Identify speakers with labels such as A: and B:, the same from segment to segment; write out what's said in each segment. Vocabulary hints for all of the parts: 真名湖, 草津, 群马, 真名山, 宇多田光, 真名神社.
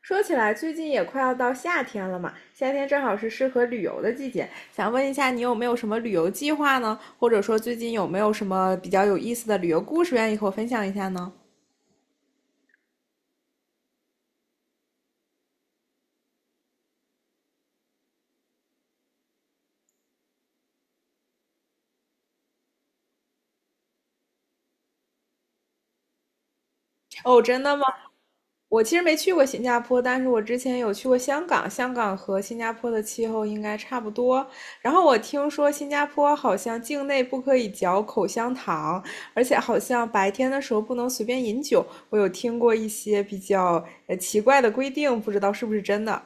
A: 说起来，最近也快要到夏天了嘛，夏天正好是适合旅游的季节。想问一下，你有没有什么旅游计划呢？或者说，最近有没有什么比较有意思的旅游故事愿意和我分享一下呢？哦，真的吗？我其实没去过新加坡，但是我之前有去过香港，香港和新加坡的气候应该差不多。然后我听说新加坡好像境内不可以嚼口香糖，而且好像白天的时候不能随便饮酒。我有听过一些比较奇怪的规定，不知道是不是真的。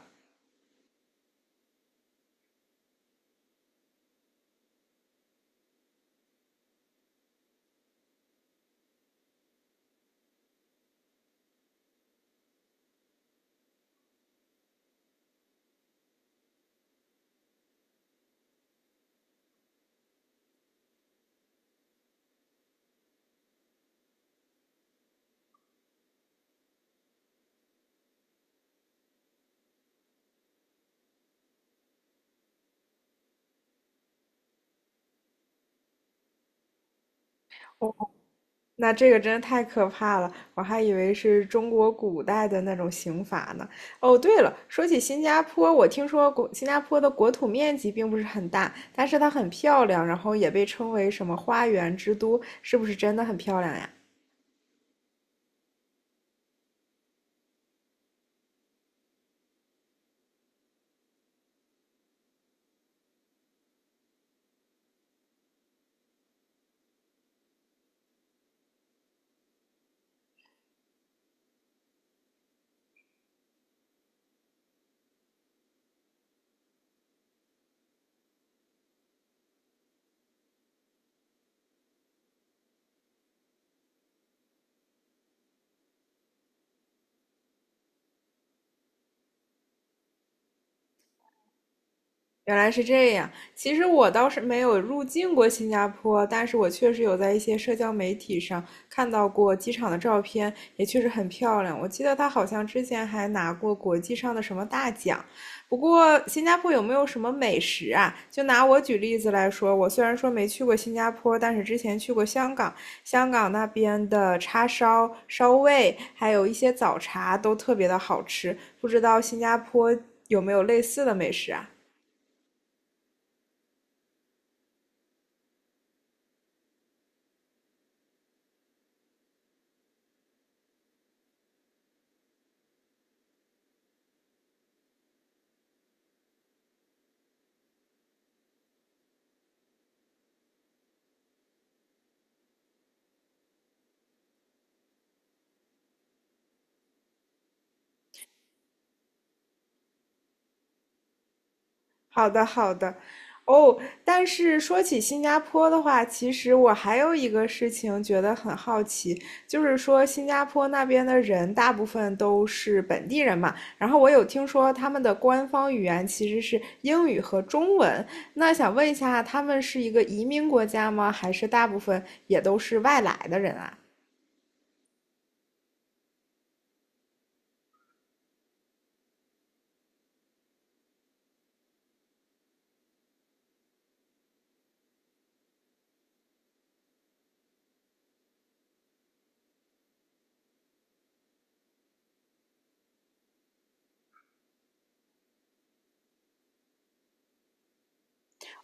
A: 那这个真的太可怕了，我还以为是中国古代的那种刑法呢。哦，对了，说起新加坡，我听说国新加坡的国土面积并不是很大，但是它很漂亮，然后也被称为什么花园之都，是不是真的很漂亮呀？原来是这样。其实我倒是没有入境过新加坡，但是我确实有在一些社交媒体上看到过机场的照片，也确实很漂亮。我记得它好像之前还拿过国际上的什么大奖。不过，新加坡有没有什么美食啊？就拿我举例子来说，我虽然说没去过新加坡，但是之前去过香港，香港那边的叉烧、烧味，还有一些早茶都特别的好吃。不知道新加坡有没有类似的美食啊？好的，好的。哦，但是说起新加坡的话，其实我还有一个事情觉得很好奇，就是说新加坡那边的人大部分都是本地人嘛，然后我有听说他们的官方语言其实是英语和中文，那想问一下，他们是一个移民国家吗？还是大部分也都是外来的人啊？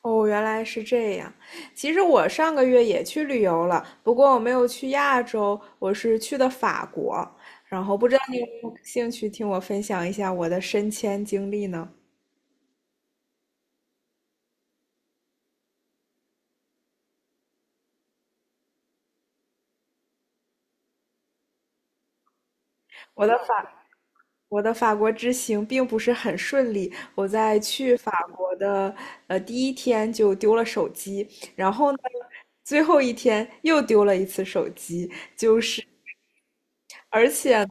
A: 哦，原来是这样。其实我上个月也去旅游了，不过我没有去亚洲，我是去的法国。然后不知道你有没有兴趣听我分享一下我的升迁经历呢？我的法我的法国之行并不是很顺利，我在去法国的第一天就丢了手机，然后呢，最后一天又丢了一次手机，而且呢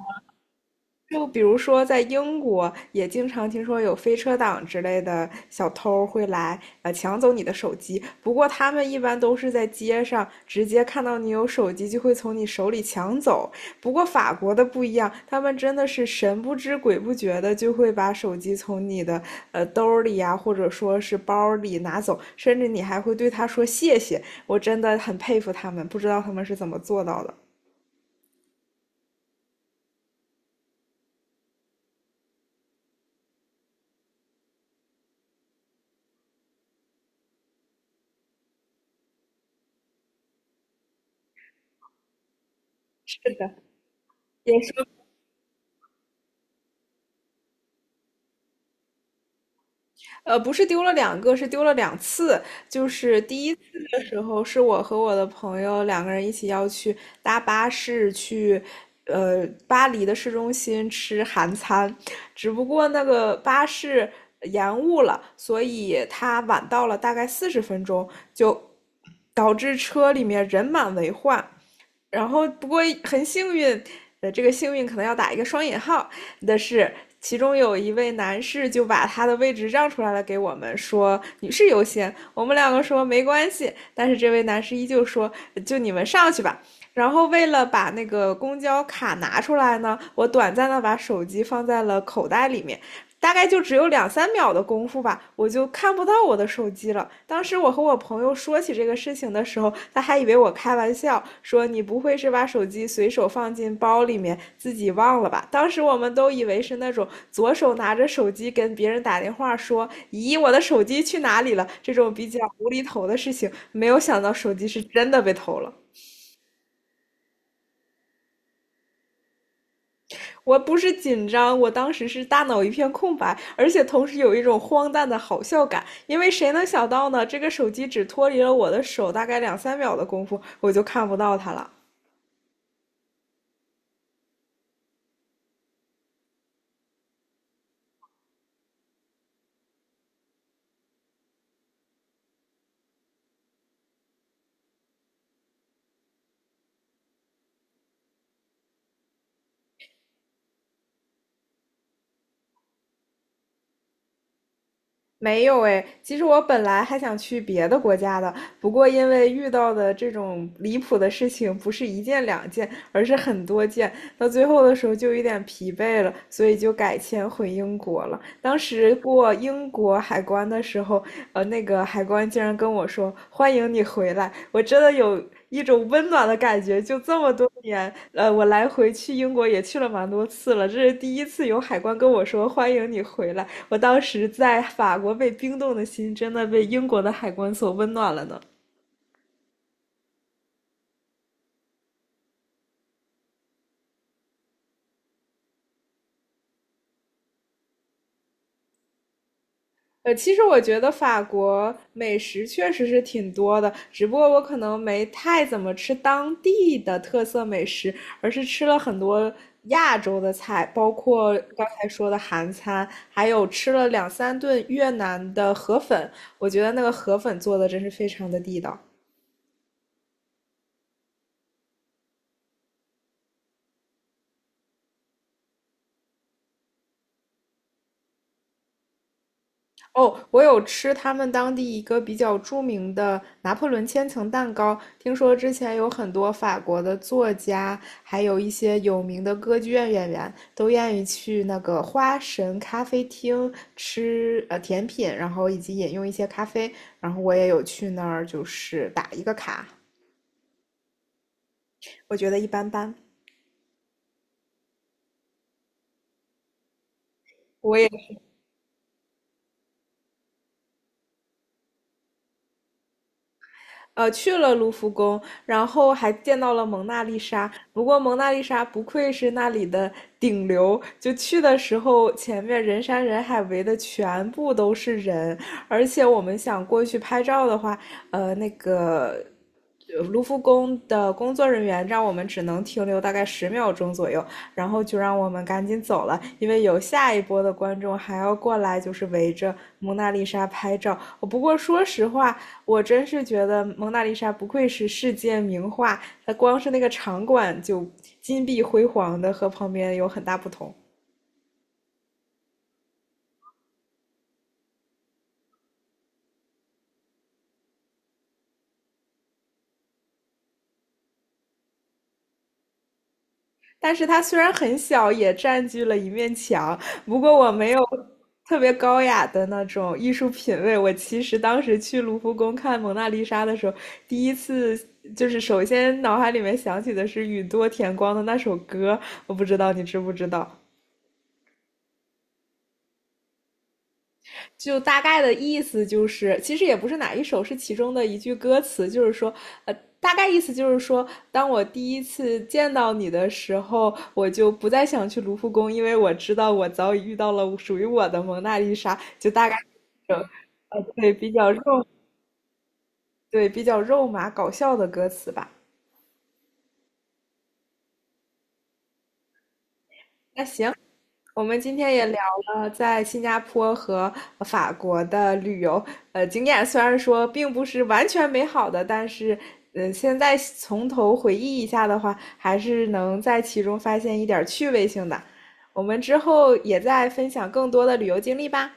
A: 就比如说，在英国也经常听说有飞车党之类的小偷会来，抢走你的手机。不过他们一般都是在街上直接看到你有手机，就会从你手里抢走。不过法国的不一样，他们真的是神不知鬼不觉的就会把手机从你的兜里呀、或者说是包里拿走，甚至你还会对他说谢谢。我真的很佩服他们，不知道他们是怎么做到的。是的，也是不是丢了两个，是丢了两次。就是第一次的时候，是我和我的朋友两个人一起要去搭巴士去，巴黎的市中心吃韩餐，只不过那个巴士延误了，所以他晚到了大概40分钟，就导致车里面人满为患。然后不过很幸运，这个幸运可能要打一个双引号的是，其中有一位男士就把他的位置让出来了给我们，说女士优先。我们两个说没关系，但是这位男士依旧说就你们上去吧。然后为了把那个公交卡拿出来呢，我短暂的把手机放在了口袋里面，大概就只有两三秒的功夫吧，我就看不到我的手机了。当时我和我朋友说起这个事情的时候，他还以为我开玩笑，说你不会是把手机随手放进包里面自己忘了吧？当时我们都以为是那种左手拿着手机跟别人打电话说，咦，我的手机去哪里了？这种比较无厘头的事情，没有想到手机是真的被偷了。我不是紧张，我当时是大脑一片空白，而且同时有一种荒诞的好笑感，因为谁能想到呢？这个手机只脱离了我的手大概两三秒的功夫，我就看不到它了。没有诶，其实我本来还想去别的国家的，不过因为遇到的这种离谱的事情不是一件两件，而是很多件，到最后的时候就有点疲惫了，所以就改签回英国了。当时过英国海关的时候，那个海关竟然跟我说：“欢迎你回来。”我真的有一种温暖的感觉，就这么多年，我来回去英国也去了蛮多次了，这是第一次有海关跟我说欢迎你回来。我当时在法国被冰冻的心，真的被英国的海关所温暖了呢。其实我觉得法国美食确实是挺多的，只不过我可能没太怎么吃当地的特色美食，而是吃了很多亚洲的菜，包括刚才说的韩餐，还有吃了两三顿越南的河粉，我觉得那个河粉做的真是非常的地道。哦，我有吃他们当地一个比较著名的拿破仑千层蛋糕，听说之前有很多法国的作家，还有一些有名的歌剧院演员都愿意去那个花神咖啡厅吃甜品，然后以及饮用一些咖啡，然后我也有去那儿就是打一个卡，我觉得一般般。我也。去了卢浮宫，然后还见到了蒙娜丽莎。不过蒙娜丽莎不愧是那里的顶流，就去的时候前面人山人海围的全部都是人，而且我们想过去拍照的话，呃，那个。卢浮宫的工作人员让我们只能停留大概10秒钟左右，然后就让我们赶紧走了，因为有下一波的观众还要过来，就是围着蒙娜丽莎拍照。哦不过说实话，我真是觉得蒙娜丽莎不愧是世界名画，它光是那个场馆就金碧辉煌的，和旁边有很大不同。但是它虽然很小，也占据了一面墙。不过我没有特别高雅的那种艺术品味。我其实当时去卢浮宫看《蒙娜丽莎》的时候，第一次就是首先脑海里面想起的是宇多田光的那首歌，我不知道你知不知道。就大概的意思就是，其实也不是哪一首，是其中的一句歌词，就是说，呃，大概意思就是说，当我第一次见到你的时候，我就不再想去卢浮宫，因为我知道我早已遇到了属于我的蒙娜丽莎。就大概这种呃，对，比较肉，对，比较肉麻搞笑的歌词吧。我们今天也聊了在新加坡和法国的旅游，经验虽然说并不是完全美好的，但是，嗯，现在从头回忆一下的话，还是能在其中发现一点趣味性的。我们之后也再分享更多的旅游经历吧。